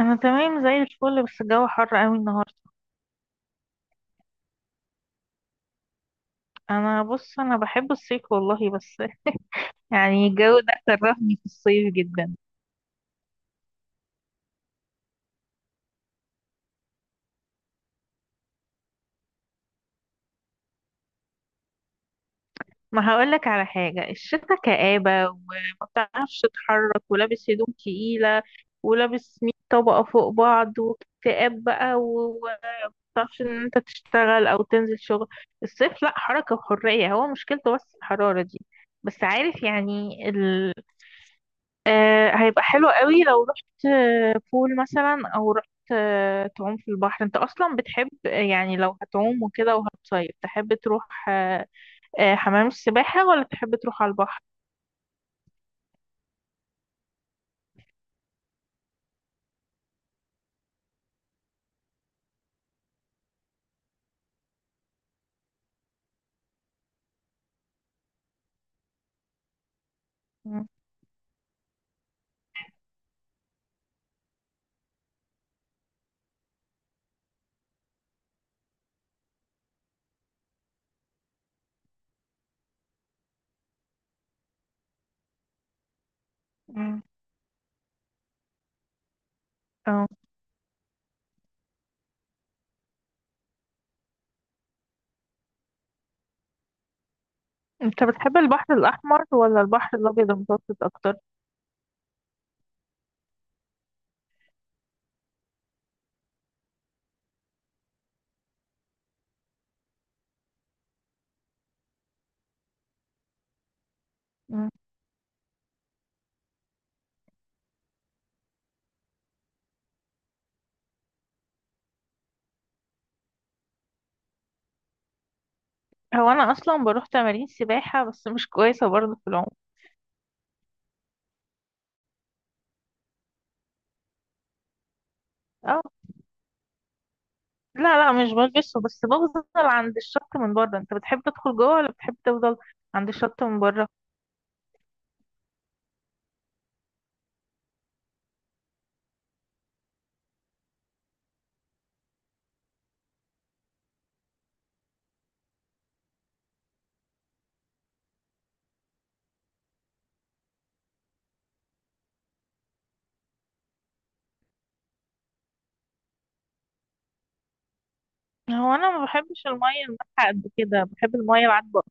انا تمام زي الفل، بس الجو حر قوي النهارده. انا بحب الصيف والله. بس يعني الجو ده كرهني في الصيف جدا. ما هقولك على حاجه، الشتا كآبه وما بتعرفش تتحرك، ولابس هدوم تقيله، ولابس 100 طبقه فوق بعض، واكتئاب بقى، وما بتعرفش ان انت تشتغل او تنزل شغل. الصيف لا، حركه وحريه، هو مشكلته بس الحراره دي. بس عارف يعني. هيبقى حلو قوي لو رحت، بول مثلا، او رحت، تعوم في البحر. انت اصلا بتحب، يعني لو هتعوم وكده وهتصيف تحب تروح، حمام السباحة، ولا تحب تروح على البحر؟ مم. مم. اه، انت بتحب البحر الاحمر ولا البحر الابيض المتوسط اكتر؟ مم. هو انا اصلا بروح تمارين سباحة، بس مش كويسة برضه في العوم. اه. لا لا، مش بلبسه، بس بفضل عند الشط من بره. انت بتحب تدخل جوه ولا بتحب تفضل عند الشط من بره؟ هو انا ما بحبش الميه المالحه قد كده، بحب الميه العذبه.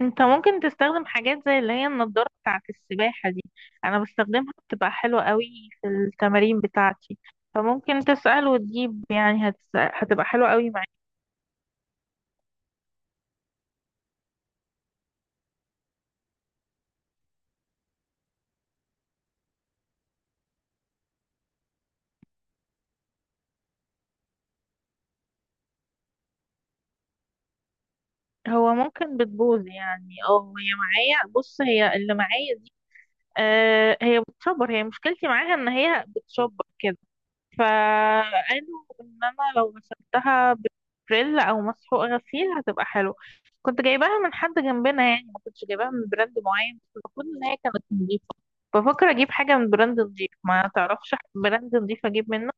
انت ممكن تستخدم حاجات زي اللي هي النضاره بتاعه السباحه دي، انا بستخدمها بتبقى حلوه قوي في التمارين بتاعتي. فممكن تسأل وتجيب، يعني هتبقى حلوة قوي معاك. هو ممكن بتبوظ يعني. اه، هي معايا، بص هي اللي معايا دي. آه، هي بتشبر. هي مشكلتي معاها ان هي بتشبر كده. فقالوا ان انا لو غسلتها بفريل او مسحوق غسيل هتبقى حلو. كنت جايباها من حد جنبنا يعني، ما كنتش جايباها من براند معين، بس المفروض ان هي كانت نظيفه. بفكر اجيب حاجه من براند نظيف. ما تعرفش براند نظيف اجيب منه؟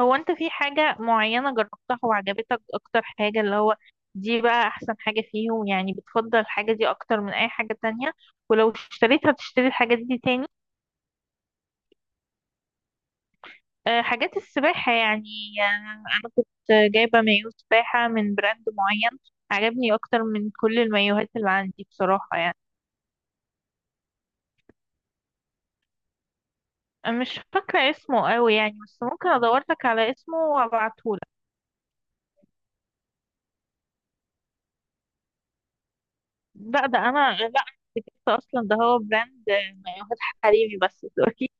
هو انت في حاجه معينه جربتها وعجبتك اكتر حاجه، اللي هو دي بقى احسن حاجه فيهم يعني، بتفضل الحاجه دي اكتر من اي حاجه تانية، ولو اشتريتها تشتري الحاجه دي تاني؟ حاجات السباحة يعني. آه، أنا كنت جايبة مايو سباحة من براند معين، عجبني أكتر من كل المايوهات اللي عندي بصراحة يعني. أنا مش فاكرة اسمه قوي يعني، بس ممكن أدورلك على اسمه وأبعتهولك. لا، ده أنا لا، ده أصلا ده هو براند، مايوهات حريمي بس دلوقتي.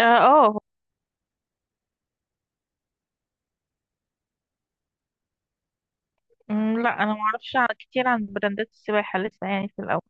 اه. آه. لا، أنا معرفش كتير عن براندات السباحة لسه، يعني في الأول.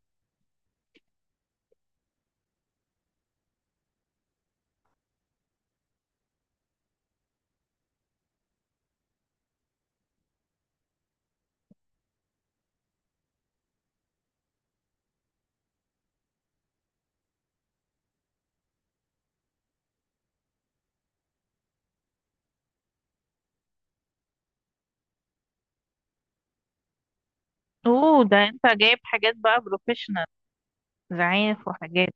اوه، ده انت جايب حاجات بقى بروفيشنال، زعانف وحاجات.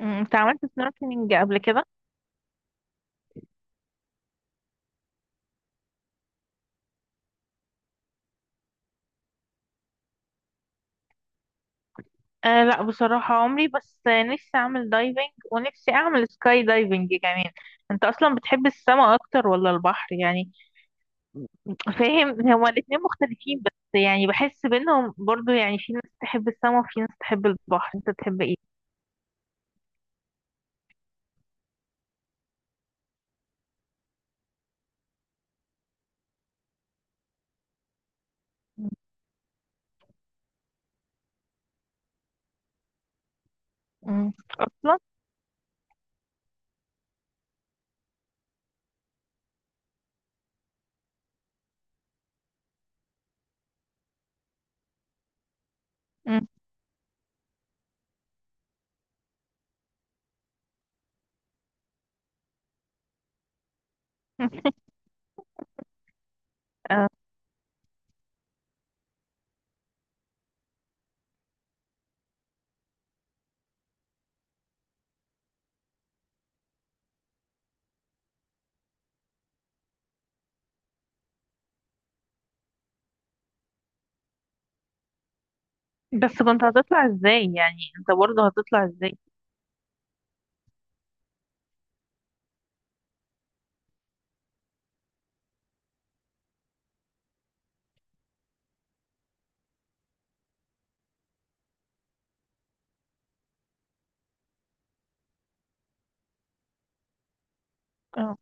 انت عملت سنوركلينج قبل كده؟ أه لا بصراحة عمري، بس نفسي أعمل دايفنج ونفسي أعمل سكاي دايفنج كمان. أنت أصلا بتحب السما أكتر ولا البحر يعني؟ فاهم هما الاتنين مختلفين بس، يعني بحس بينهم برضو. يعني في ناس تحب السما وفي ناس تحب البحر، أنت تحب إيه؟ مم. أصلا. مم. أه. بس كنت هتطلع إزاي يعني، أنت برضو هتطلع إزاي؟ آه.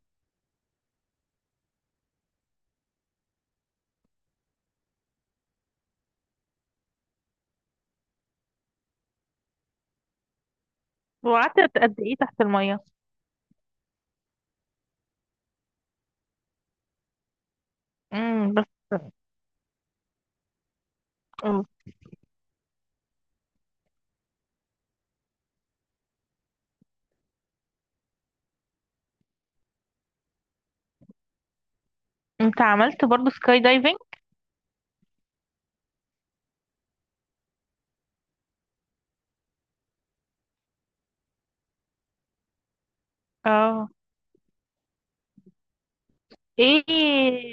وقعدت قد إيه تحت المية؟ مم. بس. آه. أنت عملت برضو سكاي دايفنج؟ اه. ايه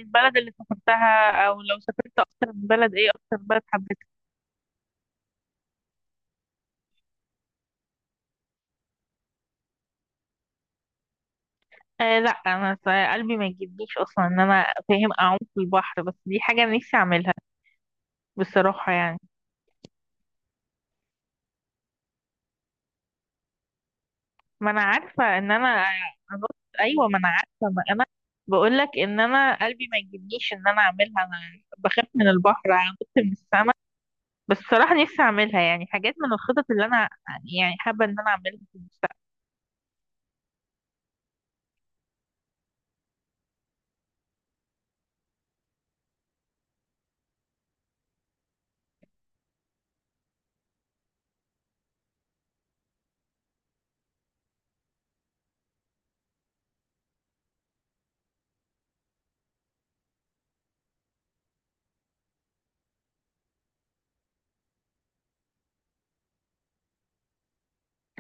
البلد اللي سافرتها، او لو سافرت اكتر من بلد ايه اكتر بلد حبيتها؟ آه لا، انا قلبي ما يجيبنيش اصلا ان انا فاهم اعوم في البحر، بس دي حاجه نفسي اعملها بصراحه يعني. ما انا عارفه ان انا أنط... ايوه، ما انا عارفه، ما انا بقول لك ان انا قلبي ما يجيبنيش ان انا اعملها. انا بخاف من البحر انط من السماء؟ بس بصراحه نفسي اعملها، يعني حاجات من الخطط اللي انا يعني حابه ان انا اعملها في المستقبل.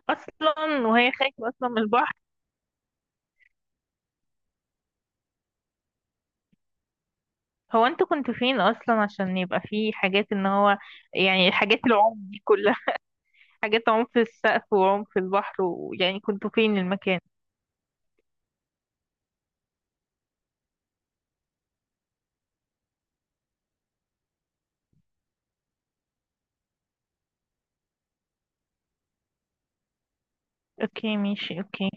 اصلا وهي خايفه اصلا من البحر. هو انتوا كنتوا فين اصلا عشان يبقى في حاجات ان هو يعني حاجات العمق دي كلها؟ حاجات عمق في السقف وعمق في البحر، ويعني كنتوا فين المكان؟ اوكي ماشي، اوكي.